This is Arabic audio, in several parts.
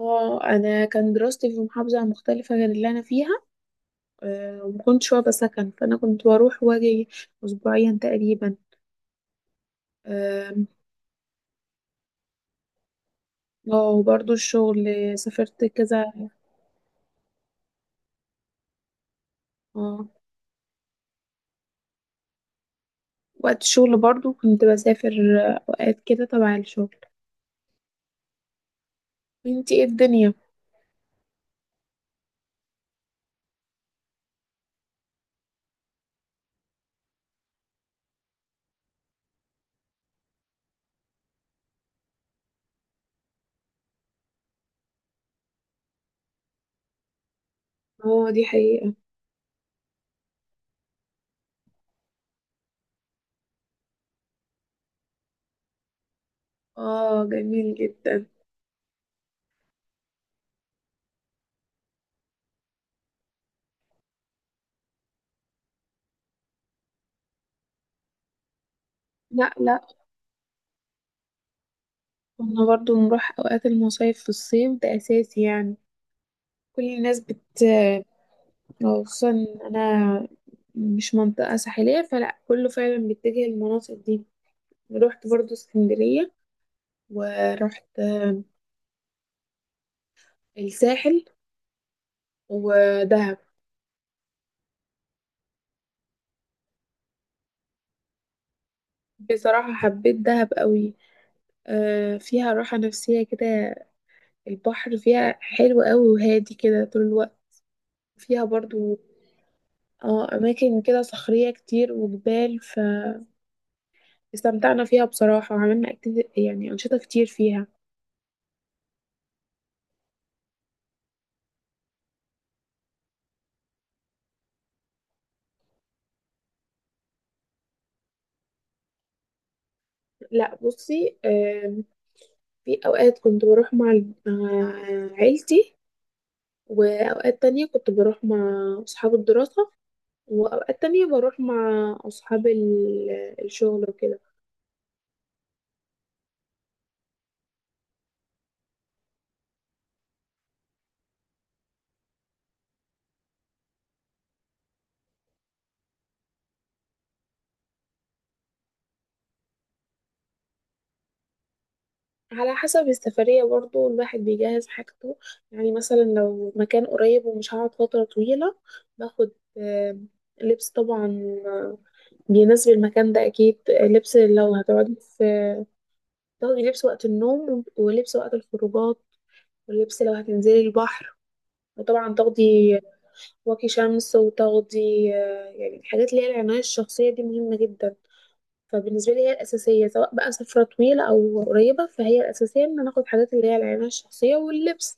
اه، انا كان دراستي في محافظه مختلفه غير اللي انا فيها. ومكنتش واخده سكن، فانا كنت بروح واجي اسبوعيا تقريبا. اه. آه، وبرضه الشغل. سافرت كذا. اه. وقت الشغل برضه كنت بسافر. اوقات كده تبع الشغل. انتي ايه الدنيا؟ اه، دي حقيقه. اه، جميل جدا. لا، لا. كنا برضه نروح اوقات المصايف في الصيف، ده اساسي يعني. كل الناس بت، أو خصوصا إن أنا مش منطقة ساحلية، فلا كله فعلا بيتجه للمناطق دي. رحت برضو اسكندرية، ورحت الساحل ودهب. بصراحة حبيت دهب قوي. فيها راحة نفسية كده. البحر فيها حلو قوي وهادي كده طول الوقت. فيها برضو اه أماكن كده صخرية كتير وجبال. فاستمتعنا فيها بصراحة، وعملنا أكتيف يعني أنشطة كتير فيها. لا، بصي. في أوقات كنت بروح مع مع عيلتي، وأوقات تانية كنت بروح مع أصحاب الدراسة، وأوقات تانية بروح مع أصحاب الشغل وكده. على حسب السفرية، برضو الواحد بيجهز حاجته. يعني مثلا لو مكان قريب ومش هقعد فترة طويلة، باخد آه، لبس طبعا. آه، بيناسب المكان ده. أكيد، لبس لو هتقعدي في، تاخدي لبس وقت النوم، ولبس وقت الخروجات، ولبس لو هتنزلي البحر. وطبعا تاخدي واقي شمس، وتغطي يعني الحاجات اللي هي العناية الشخصية دي مهمة جدا. فبالنسبة لي هي الأساسية، سواء بقى سفرة طويلة أو قريبة، فهي الأساسية إن أنا آخد حاجات اللي هي العناية الشخصية واللبس.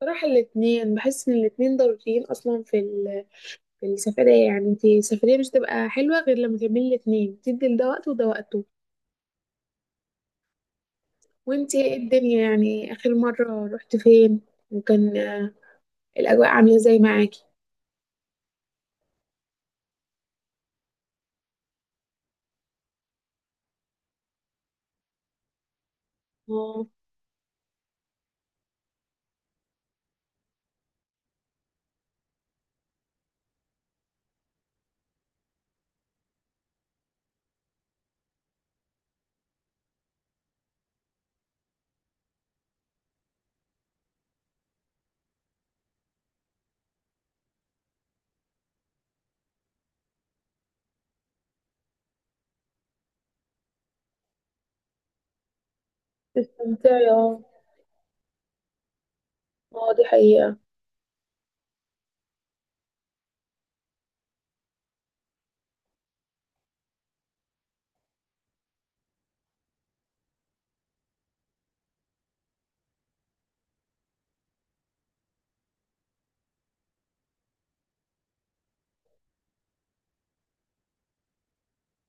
صراحة الاتنين، بحس إن الاتنين ضروريين أصلا في في السفرية. يعني انتي السفرية مش تبقى حلوة غير لما تعملي الاتنين، تدي لده وقت وده وقته. وانتي ايه الدنيا؟ يعني آخر مرة رحت فين؟ وكان الأجواء عاملة ازاي معاكي؟ اه. استمتعي، اه. اه، دي حقيقة.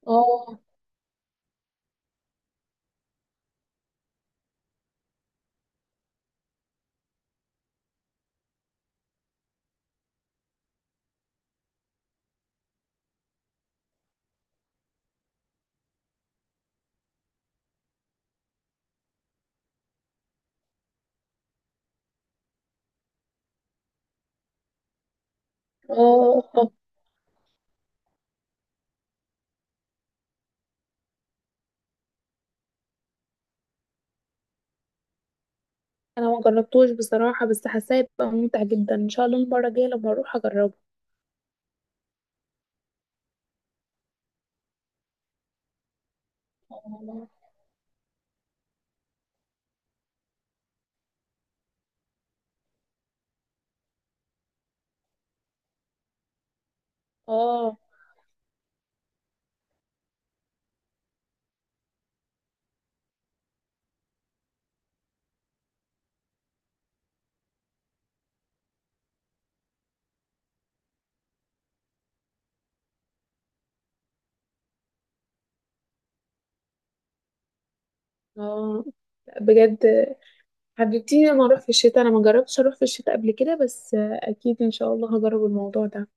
اه. اه. آه. انا ما جربتوش بصراحه، بس حاساه يبقى ممتع جدا. ان شاء الله المره الجايه لما اروح اجربه. اه. اه. لأ، بجد حبيبتي، لما اروح في الشتاء، انا ما جربتش اروح في الشتاء قبل كده، بس اكيد ان شاء الله هجرب الموضوع ده.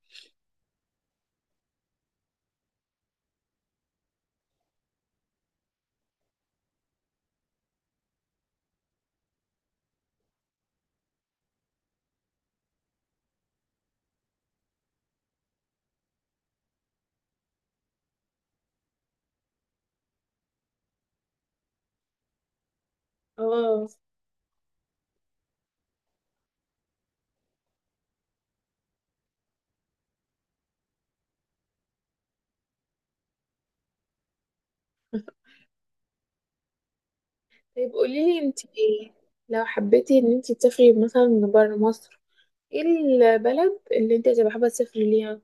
اه. طيب، قولي لي انت ايه. لو حبيتي ان انت تسافري مثلا بره مصر، ايه البلد اللي انت هتبقى حابه تسافري ليها؟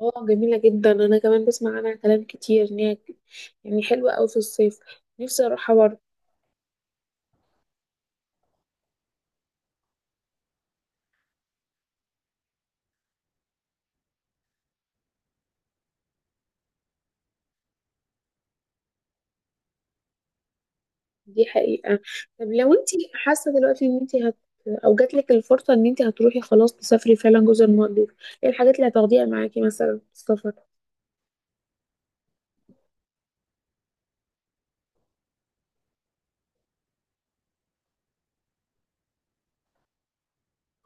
اه، جميله جدا. انا كمان بسمع عنها كلام كتير، ان هي يعني حلوه قوي في الصيف. نفسي اروحها برضه. دي حقيقة. طب، لو انت حاسة دلوقتي ان انت هت، او جاتلك الفرصة ان انت هتروحي خلاص تسافري فعلا جزر المالديف، ايه الحاجات اللي هتاخديها معاكي مثلا في السفر؟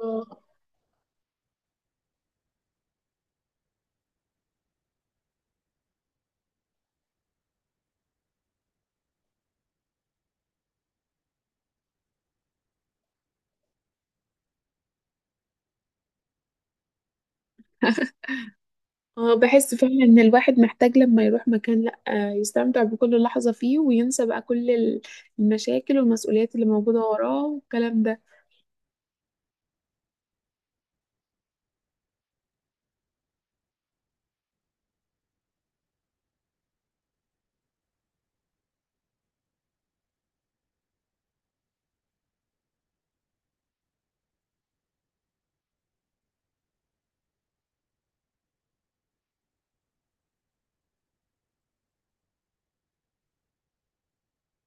اه. اه، بحس فعلا ان الواحد محتاج لما يروح مكان، لا يستمتع بكل لحظة فيه، وينسى بقى كل المشاكل والمسؤوليات اللي موجودة وراه والكلام ده.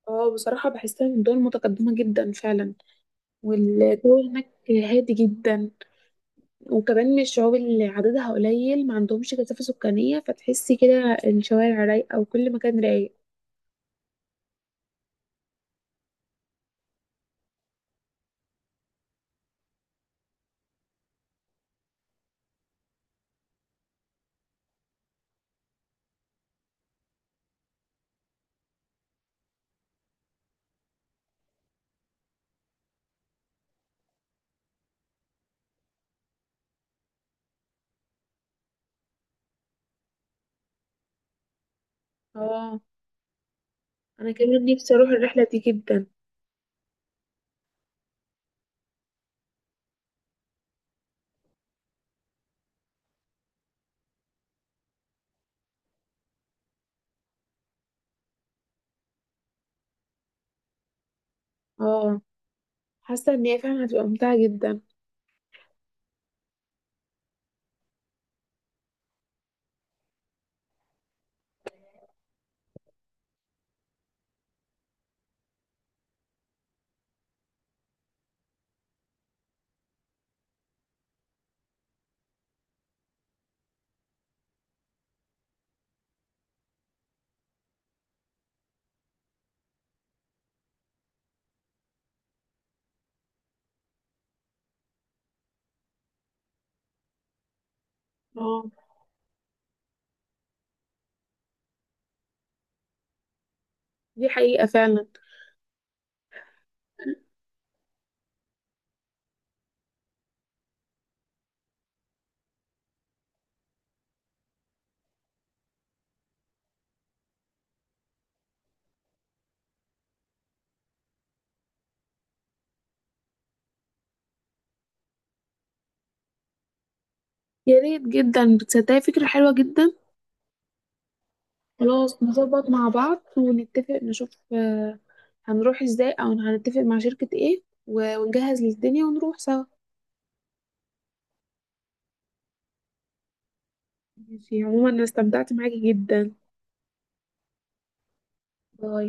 اه، بصراحة بحسها من دول متقدمة جدا فعلا. والجو هناك هادي جدا. وكمان من الشعوب اللي عددها قليل، ما عندهمش كثافة سكانية، فتحسي كده الشوارع رايقة وكل مكان رايق. اه، انا كمان نفسي اروح الرحلة دي جدا. اه، حاسة ان هي فعلا هتبقى ممتعة جدا. اه، دي حقيقة فعلا. يا ريت جدا، بتصدقي فكرة حلوة جدا. خلاص، نظبط مع بعض ونتفق نشوف هنروح ازاي، او هنتفق مع شركة ايه ونجهز للدنيا ونروح سوا. ماشي، عموما انا استمتعت معاكي جدا. باي.